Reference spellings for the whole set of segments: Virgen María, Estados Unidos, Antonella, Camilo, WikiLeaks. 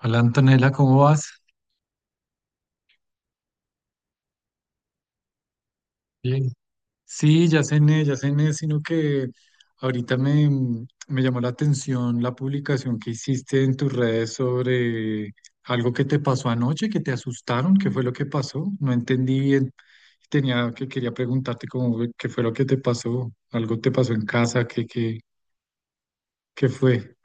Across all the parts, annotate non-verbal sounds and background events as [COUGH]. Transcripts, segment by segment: Hola Antonella, ¿cómo vas? Bien. Sí, ya cené, sino que ahorita me, me llamó la atención la publicación que hiciste en tus redes sobre algo que te pasó anoche, que te asustaron. ¿Qué fue lo que pasó? No entendí bien. Tenía que quería preguntarte qué fue lo que te pasó, algo te pasó en casa, qué fue.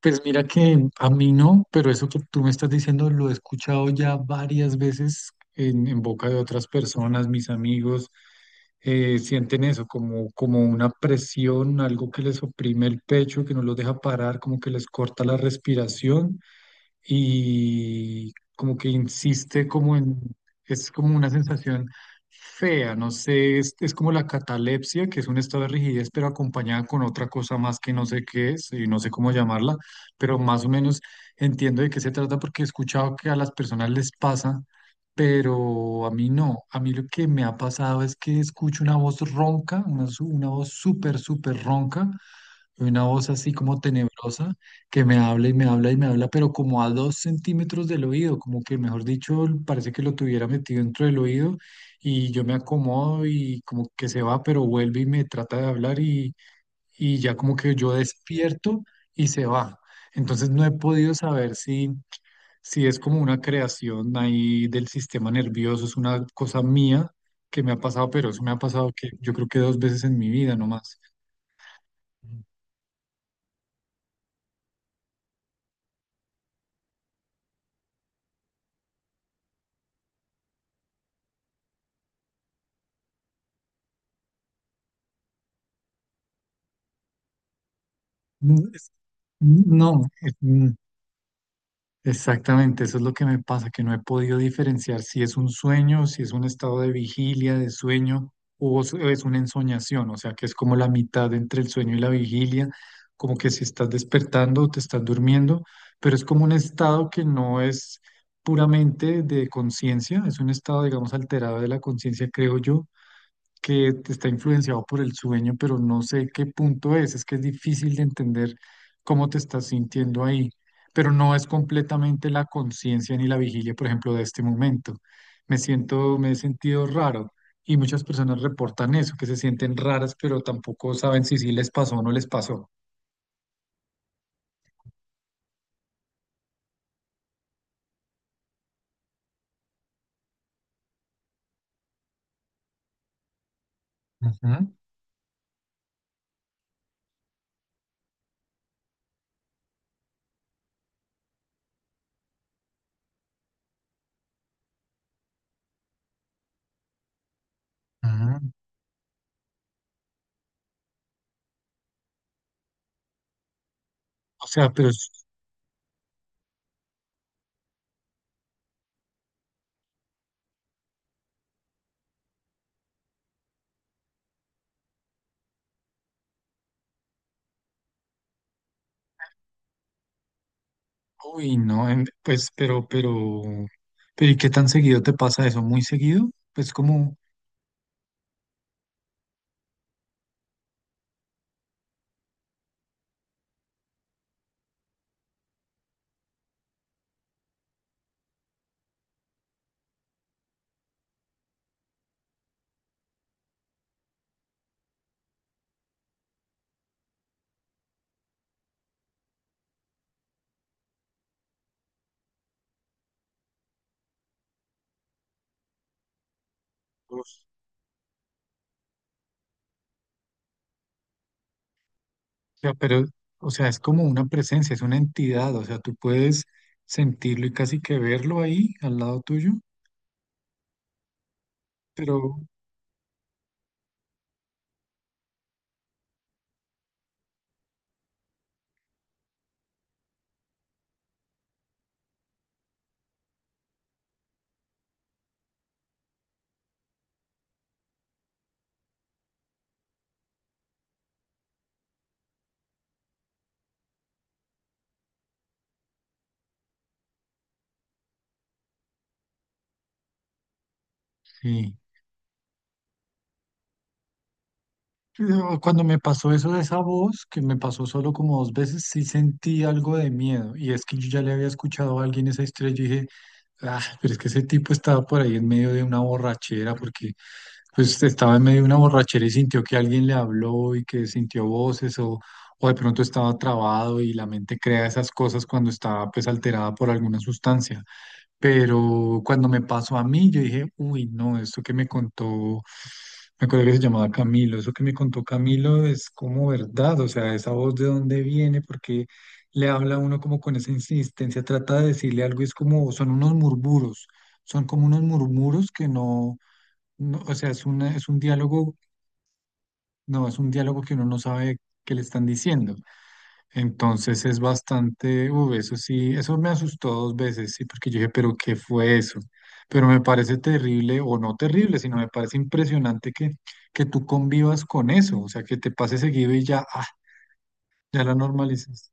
Pues mira que a mí no, pero eso que tú me estás diciendo lo he escuchado ya varias veces en boca de otras personas, mis amigos sienten eso como, como una presión, algo que les oprime el pecho, que no los deja parar, como que les corta la respiración y como que insiste es como una sensación fea. No sé, es como la catalepsia, que es un estado de rigidez, pero acompañada con otra cosa más que no sé qué es y no sé cómo llamarla, pero más o menos entiendo de qué se trata porque he escuchado que a las personas les pasa, pero a mí no. A mí lo que me ha pasado es que escucho una voz ronca, una voz súper, súper ronca, una voz así como tenebrosa, que me habla y me habla y me habla, pero como a dos centímetros del oído, como que, mejor dicho, parece que lo tuviera metido dentro del oído, y yo me acomodo y como que se va, pero vuelve y me trata de hablar, y ya como que yo despierto y se va. Entonces no he podido saber si es como una creación ahí del sistema nervioso, es una cosa mía que me ha pasado, pero eso me ha pasado que yo creo que dos veces en mi vida nomás. Mm, es- No, es- mm, Exactamente, eso es lo que me pasa, que no he podido diferenciar si es un sueño, si es un estado de vigilia, de sueño, o es una ensoñación. O sea, que es como la mitad entre el sueño y la vigilia, como que si estás despertando o te estás durmiendo, pero es como un estado que no es puramente de conciencia, es un estado, digamos, alterado de la conciencia, creo yo, que está influenciado por el sueño, pero no sé qué punto es que es difícil de entender cómo te estás sintiendo ahí, pero no es completamente la conciencia ni la vigilia, por ejemplo, de este momento. Me siento, me he sentido raro, y muchas personas reportan eso, que se sienten raras, pero tampoco saben si sí les pasó o no les pasó. Ujú, ujú. O sea, uy, no, ¿y qué tan seguido te pasa eso? ¿Muy seguido? Pues como... sea, pero, o sea, es como una presencia, es una entidad, o sea, tú puedes sentirlo y casi que verlo ahí al lado tuyo, pero sí. Pero cuando me pasó eso de esa voz, que me pasó solo como dos veces, sí sentí algo de miedo. Y es que yo ya le había escuchado a alguien esa historia. Ah, pero es que ese tipo estaba por ahí en medio de una borrachera, porque pues estaba en medio de una borrachera y sintió que alguien le habló y que sintió o de pronto estaba trabado y la mente crea esas cosas cuando está pues alterada por alguna sustancia. Pero cuando me pasó a mí, yo dije, uy, no, esto que me contó, me acuerdo que se llamaba Camilo, eso que me contó Camilo es como verdad. O sea, esa voz, ¿de dónde viene? Porque le habla a uno como con esa insistencia, trata de decirle algo y es como, son unos murmuros, son como unos murmuros que no, no, O sea, es un diálogo, no, es un diálogo que uno no sabe qué le están diciendo. Entonces es bastante, uy, eso sí, eso me asustó dos veces, sí, porque yo dije, pero ¿qué fue eso? Pero me parece terrible, o no terrible, sino me parece impresionante que tú convivas con eso. O sea, que te pase seguido y ya, ah, ya la normalizas.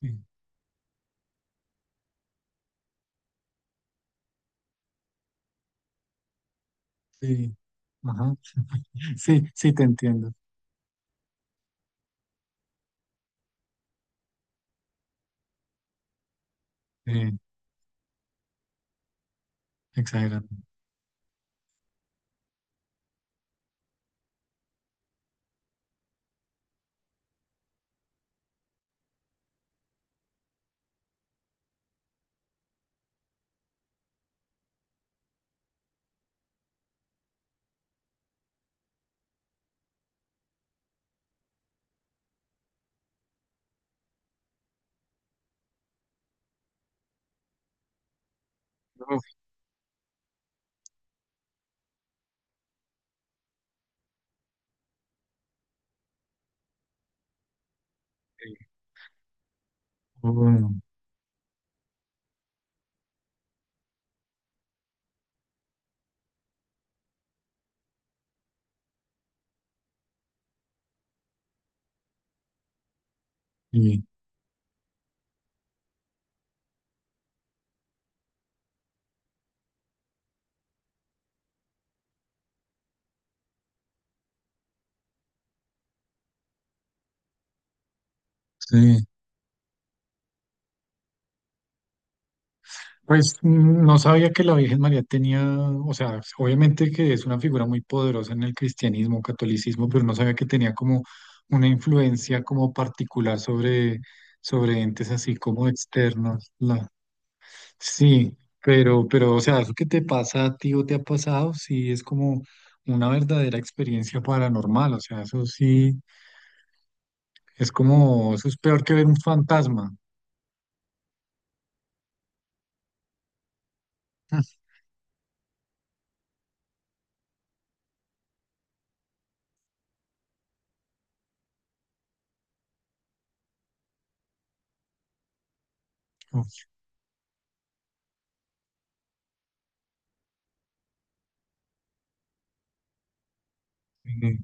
Sí, sí, ajá, sí, sí, te entiendo. Sí, exagerando. Uf, sí, oh, sí, sí. Pues mm, no sabía que la Virgen María tenía, o sea, obviamente que es una figura muy poderosa en el cristianismo, catolicismo, pero no sabía que tenía como una influencia como particular sobre, sobre entes así como externos. La, sí, pero, o sea, eso que te pasa a ti o te ha pasado, sí es como una verdadera experiencia paranormal. O sea, eso sí es como, eso es peor que ver un fantasma. [LAUGHS] Uf, sí.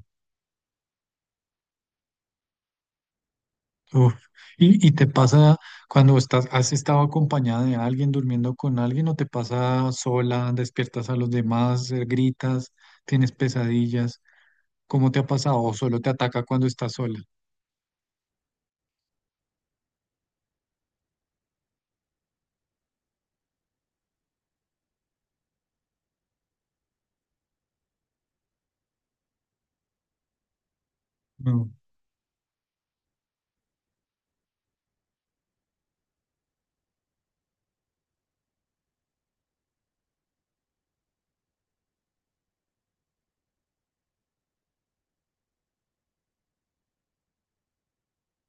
Uf, ¿y, y te pasa cuando estás, has estado acompañada de alguien, durmiendo con alguien, o te pasa sola, despiertas a los demás, gritas, tienes pesadillas? ¿Cómo te ha pasado? ¿O solo te ataca cuando estás sola? No,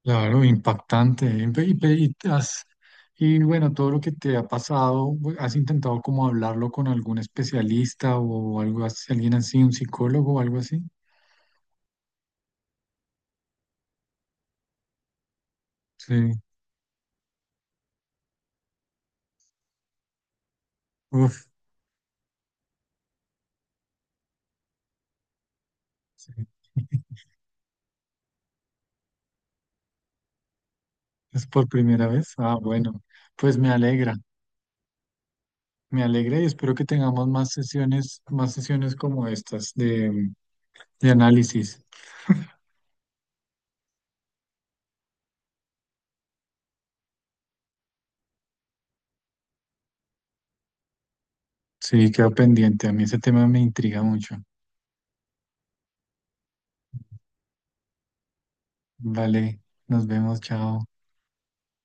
claro, impactante. Impe- Y, pe- y te has- y bueno, todo lo que te ha pasado, bu- ¿has intentado como hablarlo con algún especialista o algo así, alguien así, un psicólogo o algo así? Sí, uf, sí. [LAUGHS] ¿Es por primera vez? Ah, bueno, pues me alegra. Me alegra y espero que tengamos más sesiones como estas de análisis. Sí, quedo pendiente. A mí ese tema me intriga mucho. Vale, nos vemos, chao.